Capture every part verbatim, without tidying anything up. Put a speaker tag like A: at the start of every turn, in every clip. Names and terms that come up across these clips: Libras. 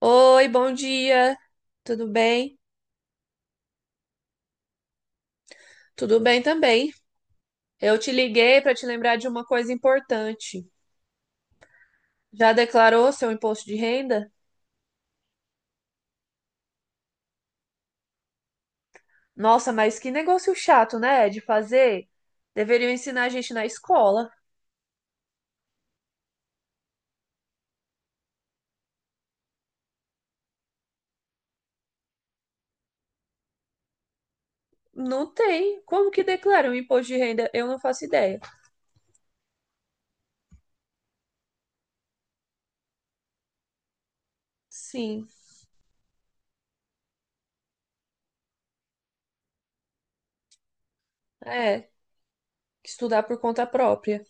A: Oi, bom dia. Tudo bem? Tudo bem também. Eu te liguei para te lembrar de uma coisa importante. Já declarou seu imposto de renda? Nossa, mas que negócio chato, né, de fazer? Deveriam ensinar a gente na escola. Não tem. Como que declara um imposto de renda? Eu não faço ideia. Sim, é. Estudar por conta própria.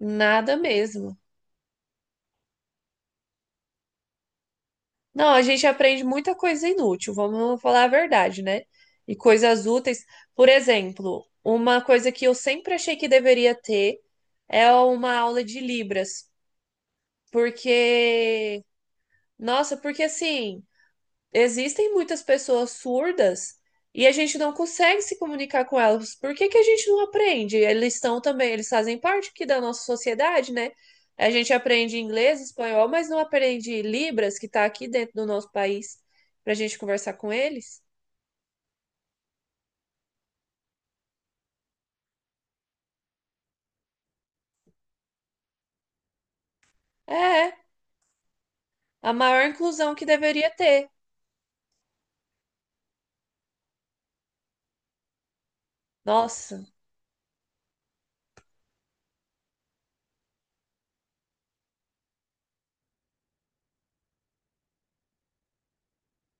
A: Nada mesmo. Não, a gente aprende muita coisa inútil, vamos falar a verdade, né? E coisas úteis. Por exemplo, uma coisa que eu sempre achei que deveria ter é uma aula de Libras, porque, nossa, porque assim. Existem muitas pessoas surdas e a gente não consegue se comunicar com elas. Por que que a gente não aprende? Eles estão também, eles fazem parte aqui da nossa sociedade, né? A gente aprende inglês, espanhol, mas não aprende Libras, que está aqui dentro do nosso país, para a gente conversar com eles. É, a maior inclusão que deveria ter. Nossa.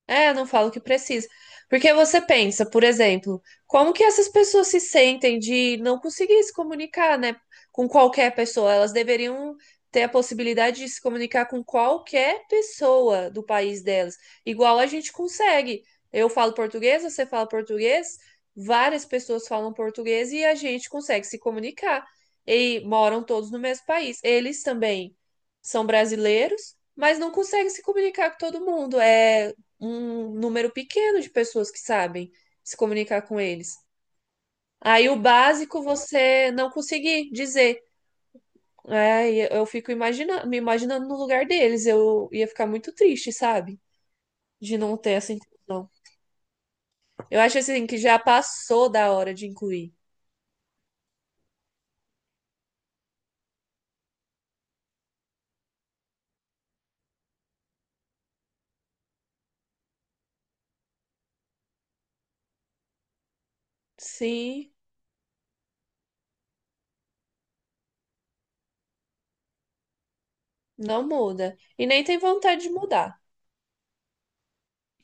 A: É, não falo que precisa. Porque você pensa, por exemplo, como que essas pessoas se sentem de não conseguir se comunicar, né, com qualquer pessoa? Elas deveriam ter a possibilidade de se comunicar com qualquer pessoa do país delas, igual a gente consegue. Eu falo português, você fala português, várias pessoas falam português e a gente consegue se comunicar. E moram todos no mesmo país. Eles também são brasileiros, mas não conseguem se comunicar com todo mundo. É um número pequeno de pessoas que sabem se comunicar com eles. Aí o básico você não conseguir dizer. Aí eu fico imaginando, me imaginando no lugar deles. Eu ia ficar muito triste, sabe? De não ter essa inclusão. Eu acho assim que já passou da hora de incluir. Sim, não muda. E nem tem vontade de mudar.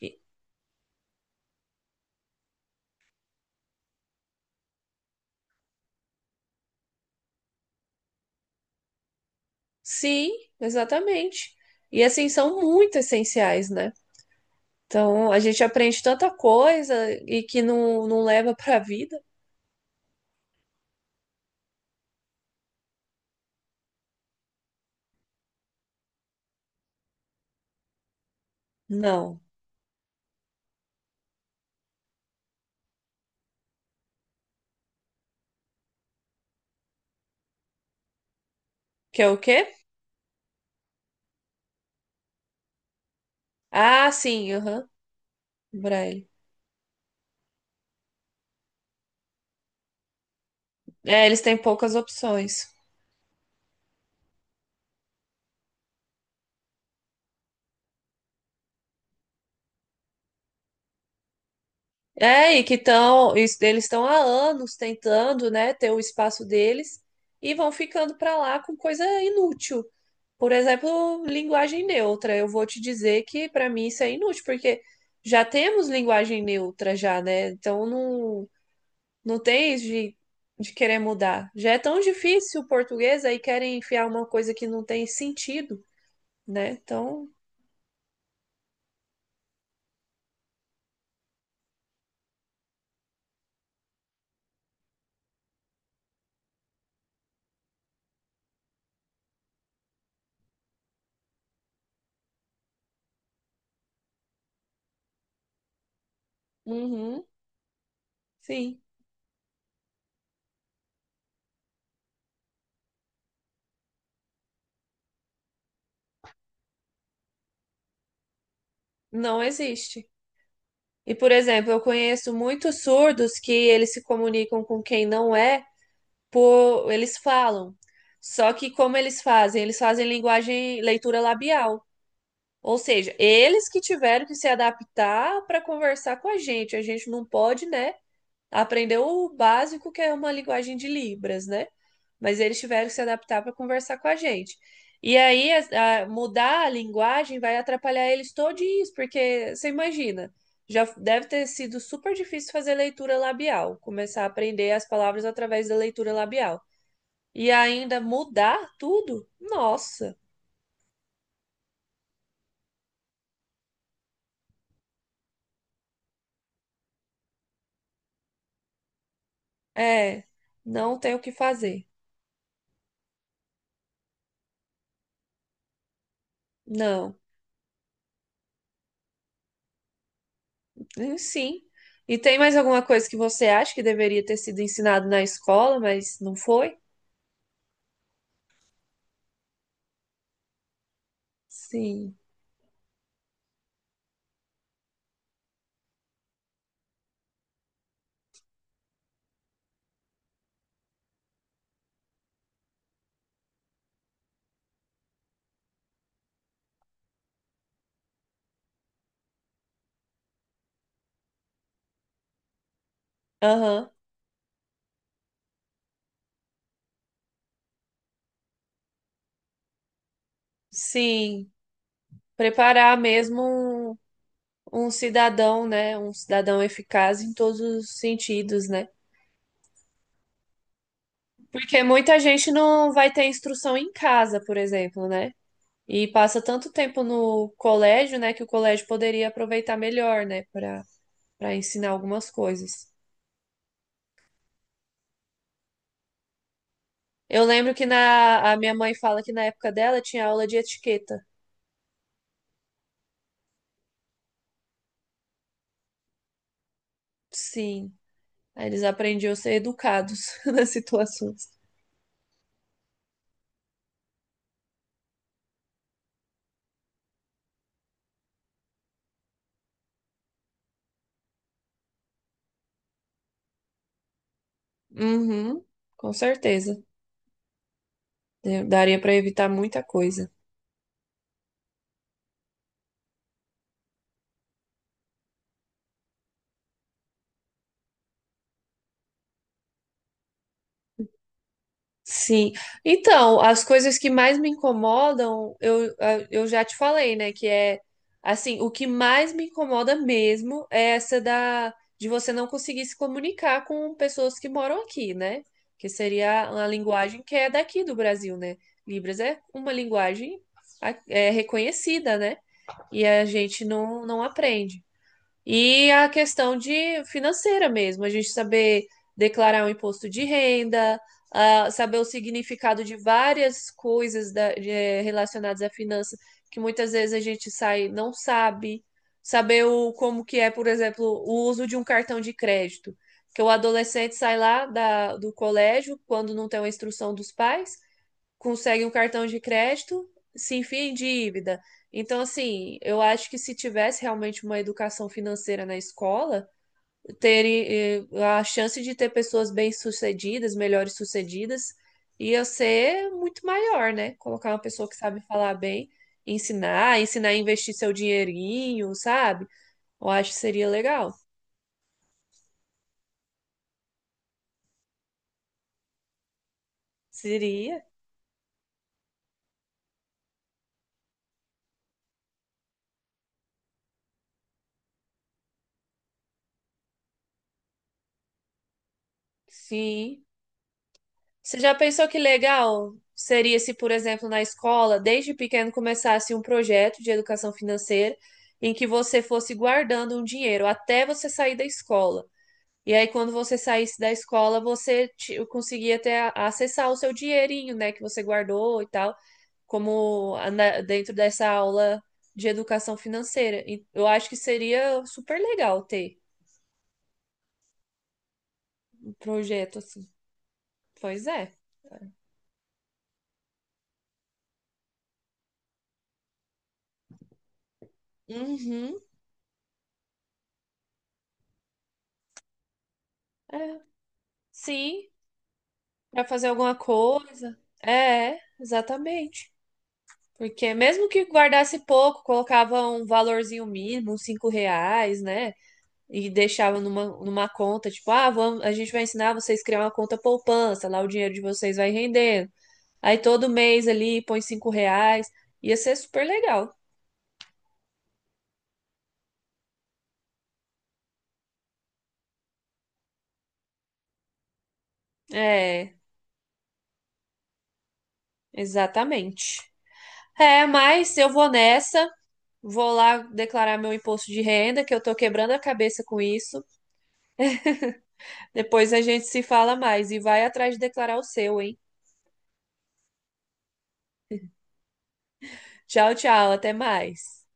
A: E- Sim, exatamente. E assim são muito essenciais, né? Então a gente aprende tanta coisa e que não, não leva para a vida. Não. Que é o quê? Ah, sim, aham. Braille. É, eles têm poucas opções. É, e que estão, eles estão há anos tentando, né, ter o espaço deles e vão ficando para lá com coisa inútil. Por exemplo, linguagem neutra. Eu vou te dizer que para mim isso é inútil, porque já temos linguagem neutra já, né? Então não, não tem isso de, de querer mudar. Já é tão difícil o português, aí querem enfiar uma coisa que não tem sentido, né? Então uhum, sim, não existe. E, por exemplo, eu conheço muitos surdos que eles se comunicam com quem não é, por eles falam. Só que como eles fazem? Eles fazem linguagem, leitura labial. Ou seja, eles que tiveram que se adaptar para conversar com a gente. A gente não pode, né? Aprendeu o básico, que é uma linguagem de Libras, né? Mas eles tiveram que se adaptar para conversar com a gente. E aí, a- a- mudar a linguagem vai atrapalhar eles todinhos, porque você imagina, já deve ter sido super difícil fazer leitura labial, começar a aprender as palavras através da leitura labial. E ainda mudar tudo? Nossa, é, não tem o que fazer. Não. Hum, sim. E tem mais alguma coisa que você acha que deveria ter sido ensinado na escola, mas não foi? Sim. Aham. Sim. Preparar mesmo um, um cidadão, né? Um cidadão eficaz em todos os sentidos, né? Porque muita gente não vai ter instrução em casa, por exemplo, né? E passa tanto tempo no colégio, né, que o colégio poderia aproveitar melhor, né, para para ensinar algumas coisas. Eu lembro que na, a minha mãe fala que na época dela tinha aula de etiqueta. Sim, aí eles aprendiam a ser educados nas situações. Uhum, com certeza. Eu daria para evitar muita coisa. Sim. Então, as coisas que mais me incomodam, eu, a- eu já te falei, né? Que é assim, o que mais me incomoda mesmo é essa da de você não conseguir se comunicar com pessoas que moram aqui, né? Que seria uma linguagem que é daqui do Brasil, né? Libras é uma linguagem a- é reconhecida, né? E a gente não, não aprende. E a questão de financeira mesmo, a gente saber declarar o imposto de renda, ah, saber o significado de várias coisas da- de- eh, relacionadas à finança, que muitas vezes a gente sai não sabe, saber o, como que é, por exemplo, o uso de um cartão de crédito, que o adolescente sai lá da, do colégio quando não tem uma instrução dos pais consegue um cartão de crédito, se enfia em dívida. Então, assim, eu acho que se tivesse realmente uma educação financeira na escola, ter eh, a chance de ter pessoas bem-sucedidas, melhores-sucedidas, ia ser muito maior, né? Colocar uma pessoa que sabe falar bem, ensinar, ensinar a investir seu dinheirinho, sabe? Eu acho que seria legal. Seria. Sim. Você já pensou que legal seria se, por exemplo, na escola, desde pequeno começasse um projeto de educação financeira em que você fosse guardando um dinheiro até você sair da escola. E aí, quando você saísse da escola, você ti- conseguia ter a- acessar o seu dinheirinho, né, que você guardou e tal, como a- na- dentro dessa aula de educação financeira. E eu acho que seria super legal ter um projeto assim. Pois é. Uhum. É. Sim. Pra fazer alguma coisa. É, exatamente. Porque mesmo que guardasse pouco, colocava um valorzinho mínimo, uns cinco reais, né? E deixava numa, numa conta, tipo, ah, vamos, a gente vai ensinar vocês a criar uma conta poupança, lá o dinheiro de vocês vai rendendo. Aí todo mês ali põe cinco reais. Ia ser super legal. É, exatamente. É, mas eu vou nessa, vou lá declarar meu imposto de renda, que eu tô quebrando a cabeça com isso. Depois a gente se fala mais e vai atrás de declarar o seu, hein? Tchau, tchau, até mais.